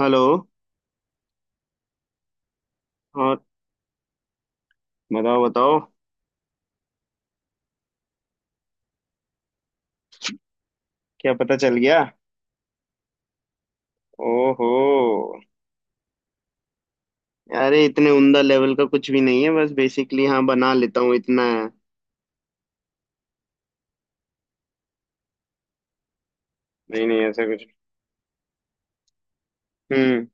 Hello. और बताओ बताओ। क्या पता चल गया? ओहो। अरे इतने उमदा लेवल का कुछ भी नहीं है, बस बेसिकली, हाँ बना लेता हूँ, इतना है। नहीं नहीं, ऐसा कुछ। हम्म।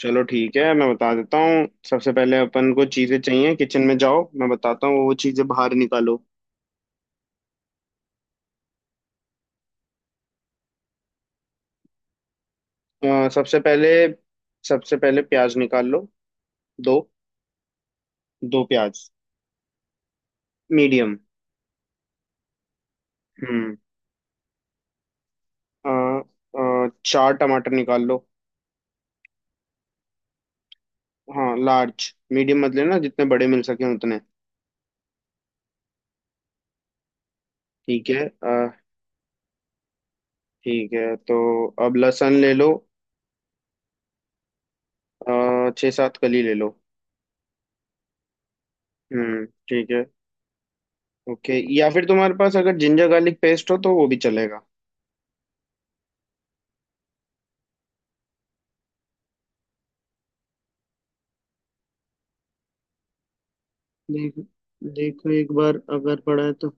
चलो ठीक है, मैं बता देता हूँ। सबसे पहले अपन को चीजें चाहिए, किचन में जाओ, मैं बताता हूँ वो चीजें बाहर निकालो। सबसे पहले, सबसे पहले प्याज निकाल लो। दो। 2 प्याज मीडियम। हम्म। अ, 4 टमाटर निकाल लो। हाँ, लार्ज मीडियम मत लेना, जितने बड़े मिल सके उतने। ठीक है। ठीक है तो अब लहसुन ले लो। 6-7 कली ले लो। हम्म, ठीक है। ओके, या फिर तुम्हारे पास अगर जिंजर गार्लिक पेस्ट हो तो वो भी चलेगा। देखो, देखो एक बार अगर पड़ा है तो।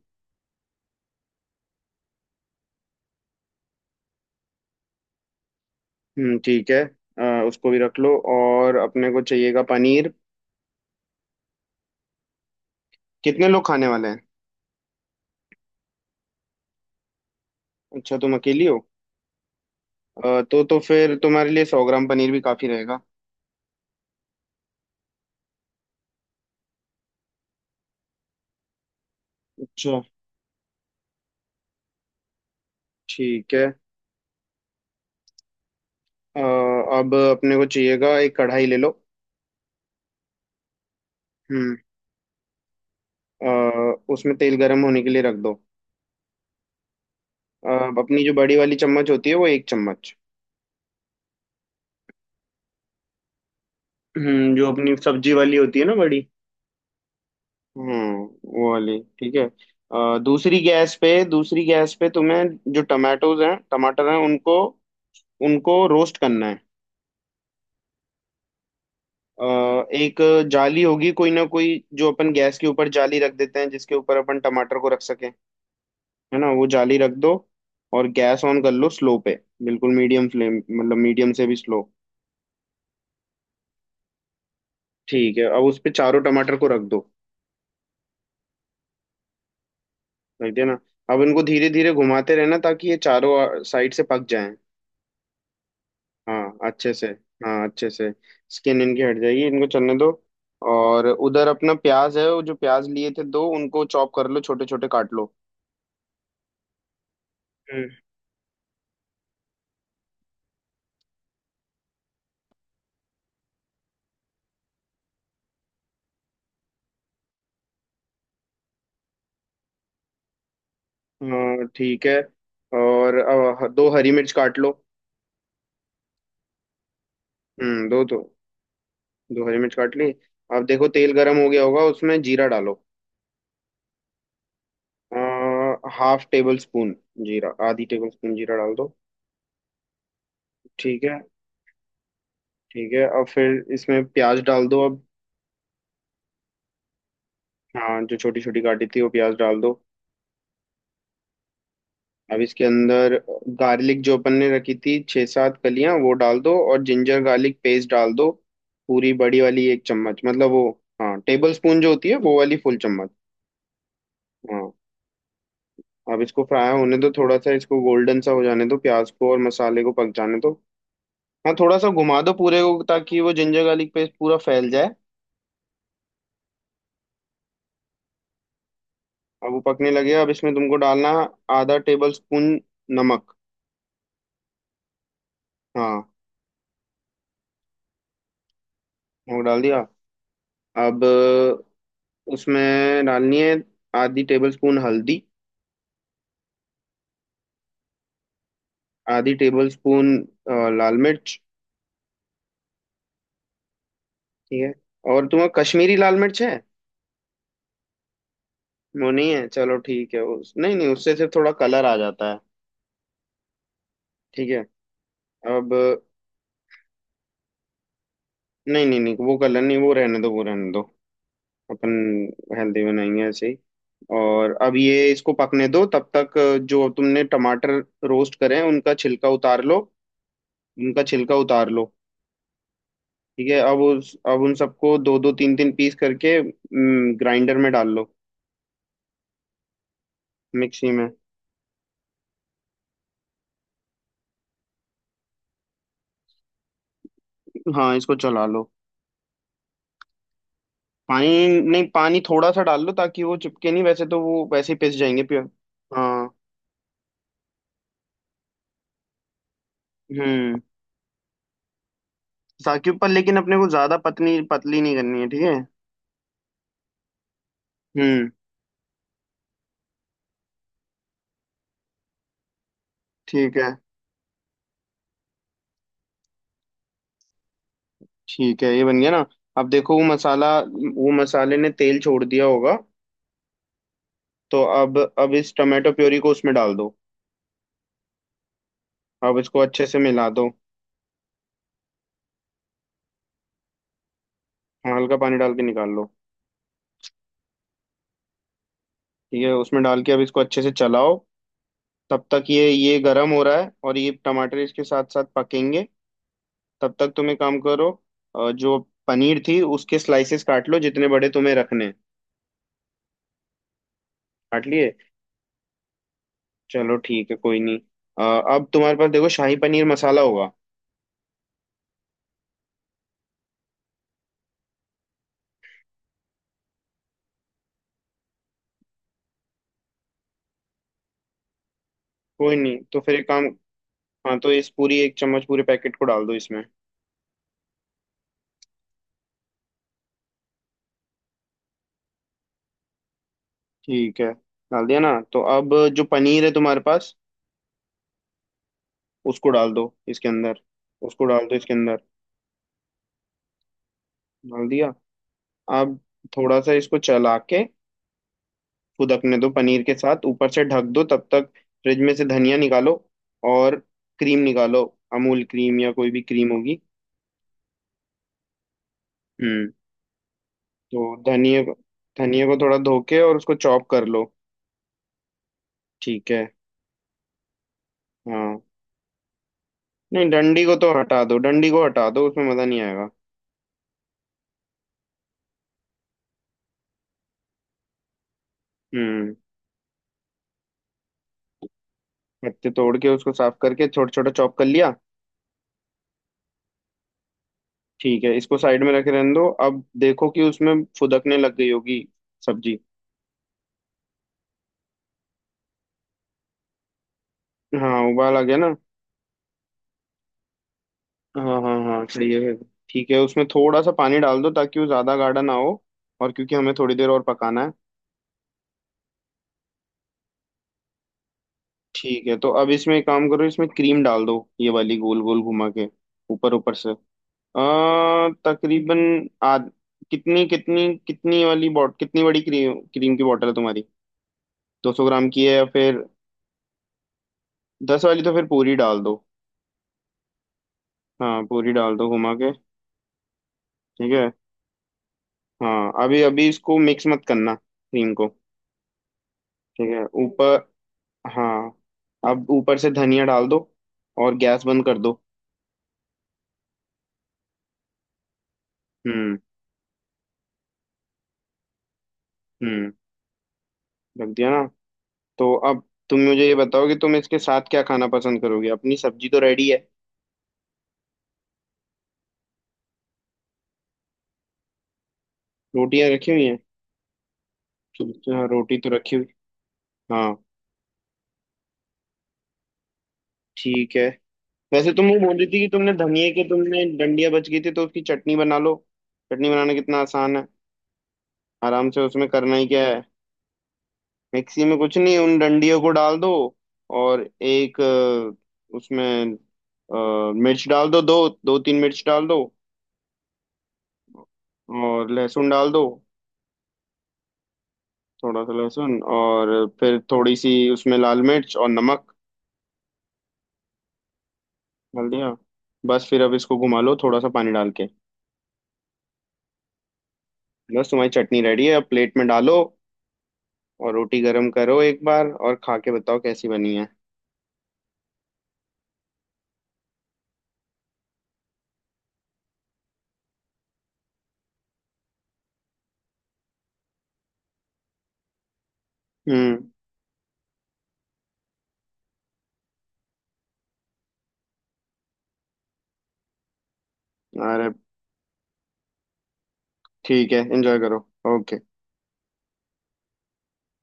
हम्म, ठीक है। उसको भी रख लो, और अपने को चाहिएगा पनीर। कितने लोग खाने वाले हैं? अच्छा, तुम अकेली हो? तो फिर तुम्हारे लिए 100 ग्राम पनीर भी काफी रहेगा। अच्छा। ठीक है। अब अपने को चाहिएगा, एक कढ़ाई ले लो। हम्म। अ, उसमें तेल गर्म होने के लिए रख दो। अ, अपनी जो बड़ी वाली चम्मच होती है, वो 1 चम्मच। जो अपनी सब्जी वाली होती है ना बड़ी। हम्म, वो वाली ठीक है। दूसरी गैस पे तुम्हें, जो टमाटोज हैं टमाटर हैं उनको, उनको रोस्ट करना है। अ, एक जाली होगी कोई ना कोई, जो अपन गैस के ऊपर जाली रख देते हैं जिसके ऊपर अपन टमाटर को रख सकें, है ना वो जाली रख दो। और गैस ऑन कर लो स्लो पे, बिल्कुल मीडियम फ्लेम, मतलब मीडियम से भी स्लो। ठीक है, अब उस पे चारों टमाटर को रख दो। रख दिया ना। अब इनको धीरे धीरे घुमाते रहना ताकि ये चारों साइड से पक जाएं। हाँ, अच्छे से। हाँ, अच्छे से। स्किन इनकी हट जाएगी, इनको चलने दो। और उधर अपना प्याज है, वो जो प्याज लिए थे दो, उनको चॉप कर लो, छोटे छोटे काट लो। हम्म। हाँ, ठीक है। और अब 2 हरी मिर्च काट लो। हम्म, दो दो। दो हरी मिर्च काट ली। अब देखो तेल गरम हो गया होगा, उसमें जीरा डालो। Half tablespoon. जीरा आधी टेबल स्पून जीरा डाल दो। ठीक है। ठीक है, अब फिर इसमें प्याज डाल दो अब। हाँ, जो छोटी छोटी काटी थी वो प्याज डाल दो। अब इसके अंदर, गार्लिक जो अपन ने रखी थी 6-7 कलियां वो डाल दो, और जिंजर गार्लिक पेस्ट डाल दो। पूरी बड़ी वाली एक चम्मच, मतलब वो। हाँ, टेबल स्पून जो होती है वो वाली फुल चम्मच। हाँ। अब इसको फ्राई होने दो थोड़ा सा, इसको गोल्डन सा हो जाने दो, प्याज को और मसाले को पक जाने दो। हाँ, थोड़ा सा घुमा दो पूरे को ताकि वो जिंजर गार्लिक पेस्ट पूरा फैल जाए। अब वो पकने लगे, अब इसमें तुमको डालना आधा टेबल स्पून नमक। हाँ, वो डाल दिया। अब उसमें डालनी है आधी टेबल स्पून हल्दी, आधी टेबल स्पून लाल मिर्च। ठीक है, और तुम्हें कश्मीरी लाल मिर्च है? वो नहीं है, चलो ठीक है, उस नहीं नहीं उससे सिर्फ थोड़ा कलर आ जाता है। ठीक है। अब नहीं नहीं नहीं, वो कलर नहीं, वो रहने दो, वो रहने दो। अपन हेल्दी बनाएंगे ऐसे ही। और अब ये इसको पकने दो तब तक। जो तुमने टमाटर रोस्ट करे हैं उनका छिलका उतार लो, उनका छिलका उतार लो। ठीक है, अब उस अब उन सबको दो दो तीन तीन पीस करके ग्राइंडर में डाल लो, मिक्सी में। हाँ, इसको चला लो। पानी नहीं, पानी थोड़ा सा डाल लो ताकि वो चिपके नहीं, वैसे तो वो वैसे ही पिस जाएंगे प्योर। हाँ। हम्म। ताकि पर लेकिन अपने को ज्यादा पतली पतली नहीं करनी है, ठीक है। हम्म, ठीक है। ठीक है, ये बन गया ना। अब देखो वो मसाला वो मसाले ने तेल छोड़ दिया होगा। तो अब इस टमाटो प्योरी को उसमें डाल दो, अब इसको अच्छे से मिला दो। हाँ, हल्का पानी डाल के निकाल लो। ठीक है, उसमें डाल के अब इसको अच्छे से चलाओ, तब तक ये गरम हो रहा है और ये टमाटर इसके साथ साथ पकेंगे। तब तक तुम एक काम करो। जो पनीर थी उसके स्लाइसेस काट लो जितने बड़े तुम्हें रखने हैं। काट लिए? चलो ठीक है, कोई नहीं। अ, अब तुम्हारे पास देखो शाही पनीर मसाला होगा। कोई नहीं, तो फिर एक काम, हाँ, तो इस पूरी एक चम्मच पूरे पैकेट को डाल दो इसमें। ठीक है। डाल दिया ना, तो अब जो पनीर है तुम्हारे पास, उसको डाल दो इसके अंदर, उसको डाल दो इसके अंदर। डाल दिया। आप, थोड़ा सा इसको चला के फुदकने दो पनीर के साथ, ऊपर से ढक दो तब तक। फ्रिज में से धनिया निकालो, और क्रीम निकालो। अमूल क्रीम या कोई भी क्रीम होगी। हम्म। तो धनिया को, धनिया को थोड़ा धो के और उसको चॉप कर लो। ठीक है। हाँ। नहीं, डंडी को तो हटा दो, डंडी को हटा दो, उसमें मजा नहीं आएगा। हम्म। पत्ते तोड़ के उसको साफ करके छोटा छोटा चॉप कर लिया। ठीक है, इसको साइड में रखे रहने दो, अब देखो कि उसमें फुदकने लग गई होगी सब्जी। हाँ, उबाल आ गया ना। हाँ हाँ हाँ, सही है। ठीक है, उसमें थोड़ा सा पानी डाल दो ताकि वो ज़्यादा गाढ़ा ना हो, और क्योंकि हमें थोड़ी देर और पकाना है। ठीक है, तो अब इसमें एक काम करो, इसमें क्रीम डाल दो ये वाली गोल गोल घुमा के, ऊपर ऊपर से, तकरीबन आध, कितनी कितनी कितनी वाली बॉट कितनी बड़ी क्रीम क्रीम की बॉटल है तुम्हारी? 200 ग्राम की है या फिर 10 वाली? तो फिर पूरी डाल दो। हाँ, पूरी डाल दो घुमा के। ठीक है। हाँ, अभी अभी इसको मिक्स मत करना क्रीम को। ठीक है, ऊपर, हाँ, अब ऊपर से धनिया डाल दो और गैस बंद कर दो। हम्म। हम्म। रख दिया ना, तो अब तुम मुझे ये बताओ कि तुम इसके साथ क्या खाना पसंद करोगे, अपनी सब्जी तो रेडी है। रोटियां रखी हुई हैं। हाँ रोटी तो रखी हुई। हाँ। ठीक है। वैसे तुम वो बोल रही थी कि तुमने धनिए के तुमने डंडियां बच गई थी, तो उसकी चटनी बना लो। चटनी बनाना कितना आसान है, आराम से, उसमें करना ही क्या। मिक्सी में कुछ नहीं, उन डंडियों को डाल दो, और एक उसमें मिर्च डाल दो, दो दो तीन मिर्च डाल दो, और लहसुन डाल दो, थोड़ा सा लहसुन, और फिर थोड़ी सी उसमें लाल मिर्च और नमक। डाल दिया। बस, फिर अब इसको घुमा लो थोड़ा सा पानी डाल के, बस तुम्हारी चटनी रेडी है। अब प्लेट में डालो और रोटी गर्म करो एक बार, और खा के बताओ कैसी बनी है। हम्म। अरे, ठीक है, एंजॉय करो। ओके।